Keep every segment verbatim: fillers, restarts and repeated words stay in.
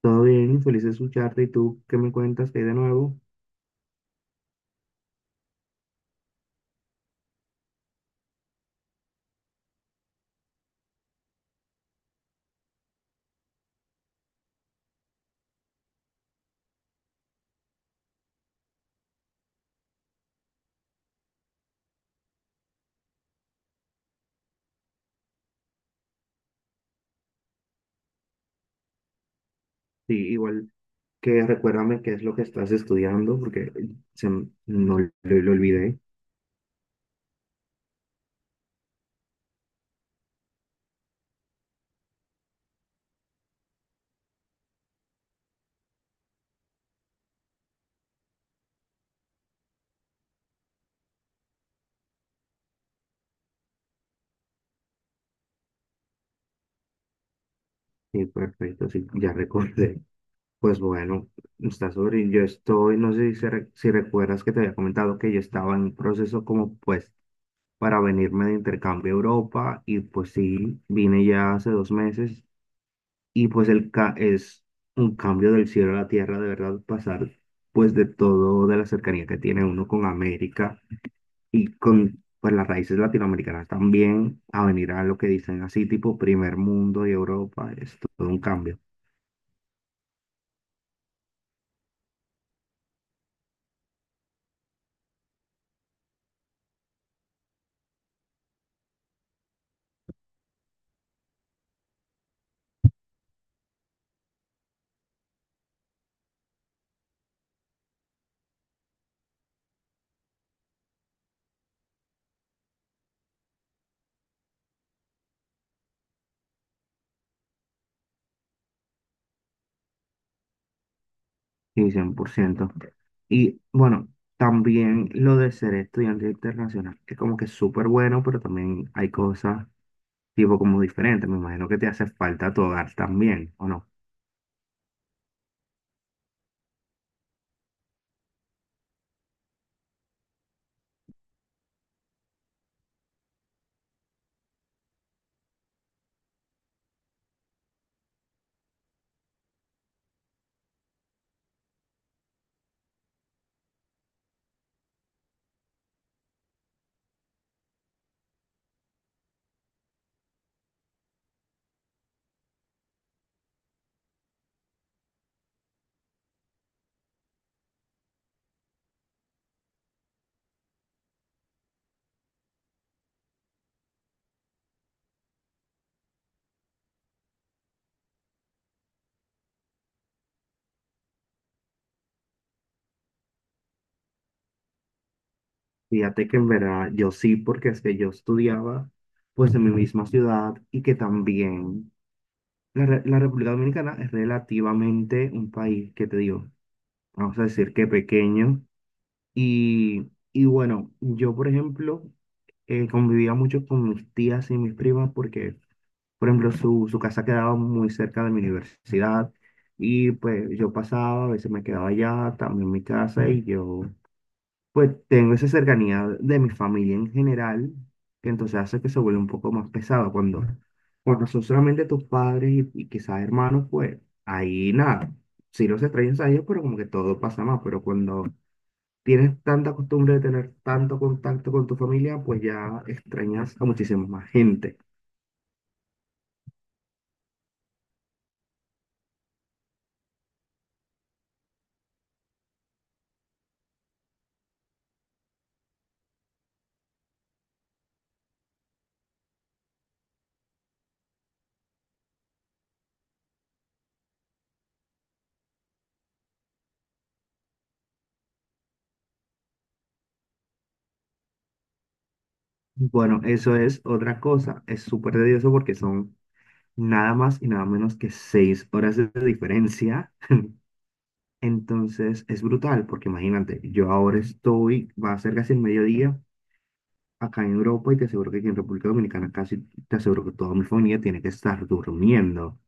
Todo bien, feliz de escucharte. ¿Y tú qué me cuentas? ¿Qué hay de nuevo? Sí, igual que recuérdame qué es lo que estás estudiando, porque se, m- no lo, lo olvidé. Sí, perfecto, sí, ya recordé. Pues bueno, está sobre. Yo estoy, no sé si, se re- si recuerdas que te había comentado que yo estaba en proceso como pues para venirme de intercambio a Europa y pues sí, vine ya hace dos meses. Y pues el ca es un cambio del cielo a la tierra, de verdad, pasar pues de todo, de la cercanía que tiene uno con América y con pues las raíces latinoamericanas también, a venir a lo que dicen así, tipo primer mundo y Europa, es todo un cambio, y cien por ciento. Y bueno, también lo de ser estudiante internacional, que como que es súper bueno, pero también hay cosas tipo como diferentes, me imagino que te hace falta tu hogar también, ¿o no? Fíjate que en verdad yo sí, porque es que yo estudiaba pues en mi misma ciudad y que también la, Re- la República Dominicana es relativamente un país que te digo, vamos a decir que pequeño y, y bueno, yo por ejemplo eh, convivía mucho con mis tías y mis primas porque por ejemplo su, su casa quedaba muy cerca de mi universidad y pues yo pasaba, a veces me quedaba allá, también mi casa y yo pues tengo esa cercanía de mi familia en general, que entonces hace que se vuelva un poco más pesado cuando, cuando son solamente tus padres y, y quizás hermanos, pues ahí nada, sí los extrañas a ellos, pero como que todo pasa más, pero cuando tienes tanta costumbre de tener tanto contacto con tu familia, pues ya extrañas a muchísima más gente. Bueno, eso es otra cosa, es súper tedioso porque son nada más y nada menos que seis horas de diferencia. Entonces es brutal, porque imagínate, yo ahora estoy, va a ser casi el mediodía acá en Europa y te aseguro que aquí en República Dominicana casi te aseguro que toda mi familia tiene que estar durmiendo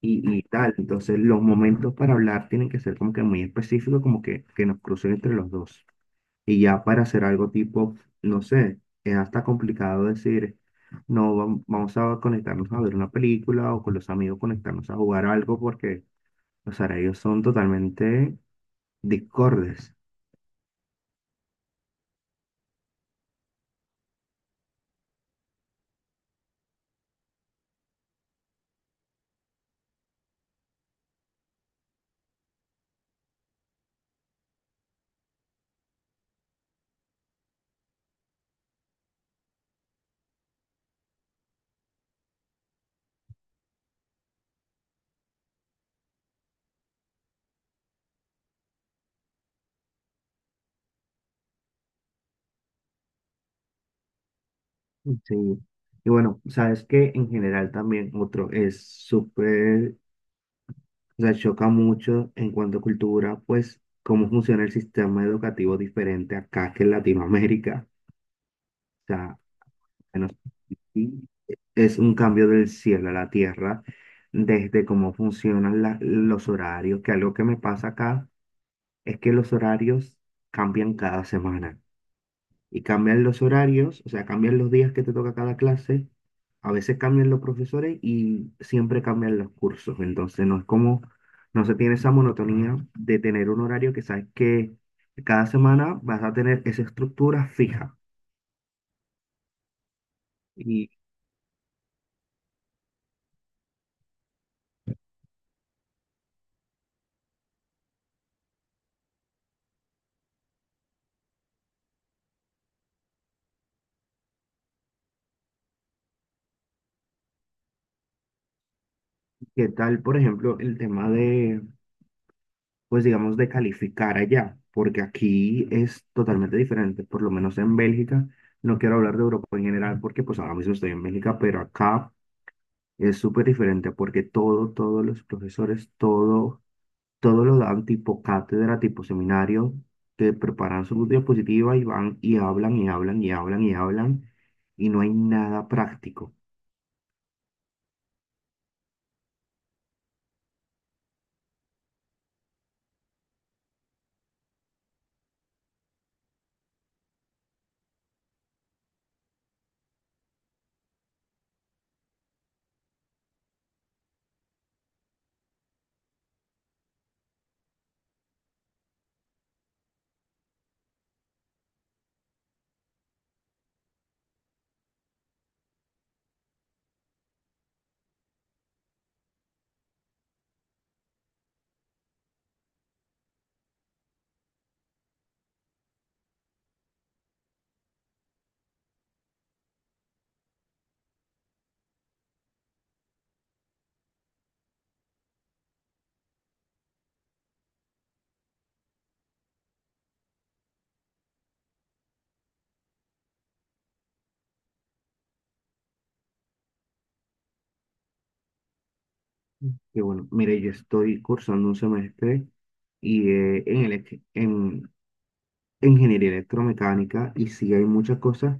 y, y tal. Entonces los momentos para hablar tienen que ser como que muy específicos, como que, que nos crucen entre los dos. Y ya para hacer algo tipo, no sé, es hasta complicado decir, no, vam- vamos a conectarnos a ver una película o con los amigos conectarnos a jugar algo porque los horarios son totalmente discordes. Sí. Y bueno, sabes que en general también otro es súper, o sea, choca mucho en cuanto a cultura, pues cómo funciona el sistema educativo diferente acá que en Latinoamérica. O sea, bueno, sí, es un cambio del cielo a la tierra desde cómo funcionan la- los horarios, que algo que me pasa acá es que los horarios cambian cada semana. Y cambian los horarios, o sea, cambian los días que te toca cada clase, a veces cambian los profesores y siempre cambian los cursos, entonces no es como, no se tiene esa monotonía de tener un horario que sabes que cada semana vas a tener esa estructura fija. ¿Y qué tal, por ejemplo, el tema de, pues digamos, de calificar allá? Porque aquí es totalmente diferente, por lo menos en Bélgica. No quiero hablar de Europa en general porque pues ahora mismo estoy en Bélgica, pero acá es súper diferente porque todo, todos los profesores, todo, todos los dan tipo cátedra, tipo seminario, que preparan su diapositiva y van y hablan y hablan y hablan y hablan y no hay nada práctico. Que bueno, mire, yo estoy cursando un semestre y eh, en, elec- en en ingeniería electromecánica y sí hay muchas cosas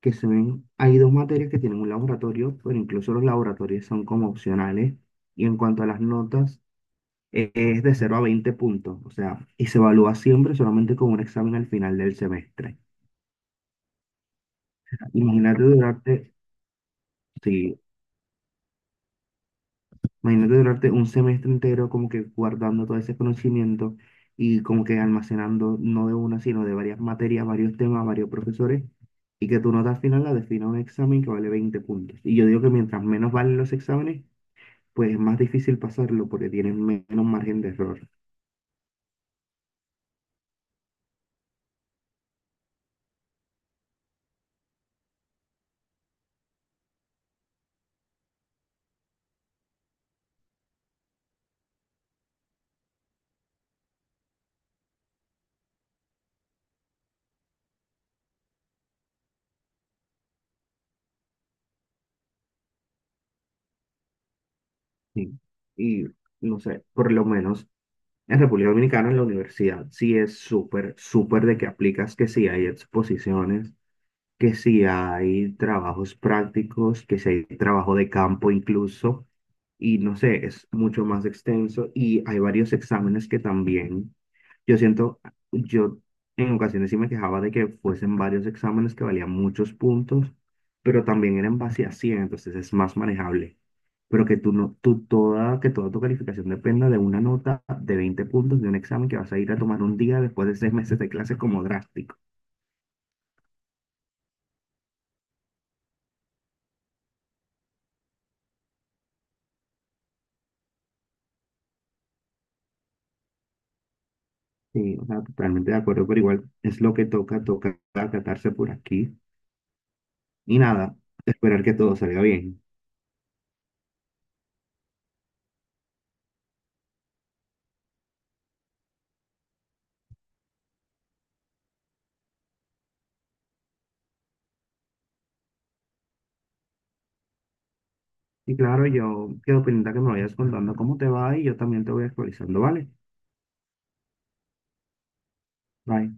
que se ven. Hay dos materias que tienen un laboratorio, pero incluso los laboratorios son como opcionales. Y en cuanto a las notas, eh, es de cero a veinte puntos, o sea, y se evalúa siempre solamente con un examen al final del semestre. Imagínate durarte, sí, imagínate durarte un semestre entero como que guardando todo ese conocimiento y como que almacenando no de una, sino de varias materias, varios temas, varios profesores, y que tu nota al final la defina un examen que vale veinte puntos. Y yo digo que mientras menos valen los exámenes, pues es más difícil pasarlo porque tienen menos margen de error. Sí. Y no sé, por lo menos en República Dominicana, en la universidad, sí es súper, súper de que aplicas, que si hay exposiciones, que si hay trabajos prácticos, que si hay trabajo de campo incluso y no sé, es mucho más extenso y hay varios exámenes que también, yo siento, yo en ocasiones sí me quejaba de que fuesen varios exámenes que valían muchos puntos, pero también eran base a cien, entonces es más manejable. Pero que tú no, tú toda, que toda tu calificación dependa de una nota de veinte puntos de un examen que vas a ir a tomar un día después de seis meses de clases como drástico. Sí, o sea, totalmente de acuerdo, pero igual es lo que toca, toca acatarse por aquí. Y nada, esperar que todo salga bien. Y claro, yo quedo pendiente a que me vayas contando cómo te va y yo también te voy actualizando, ¿vale? Bye.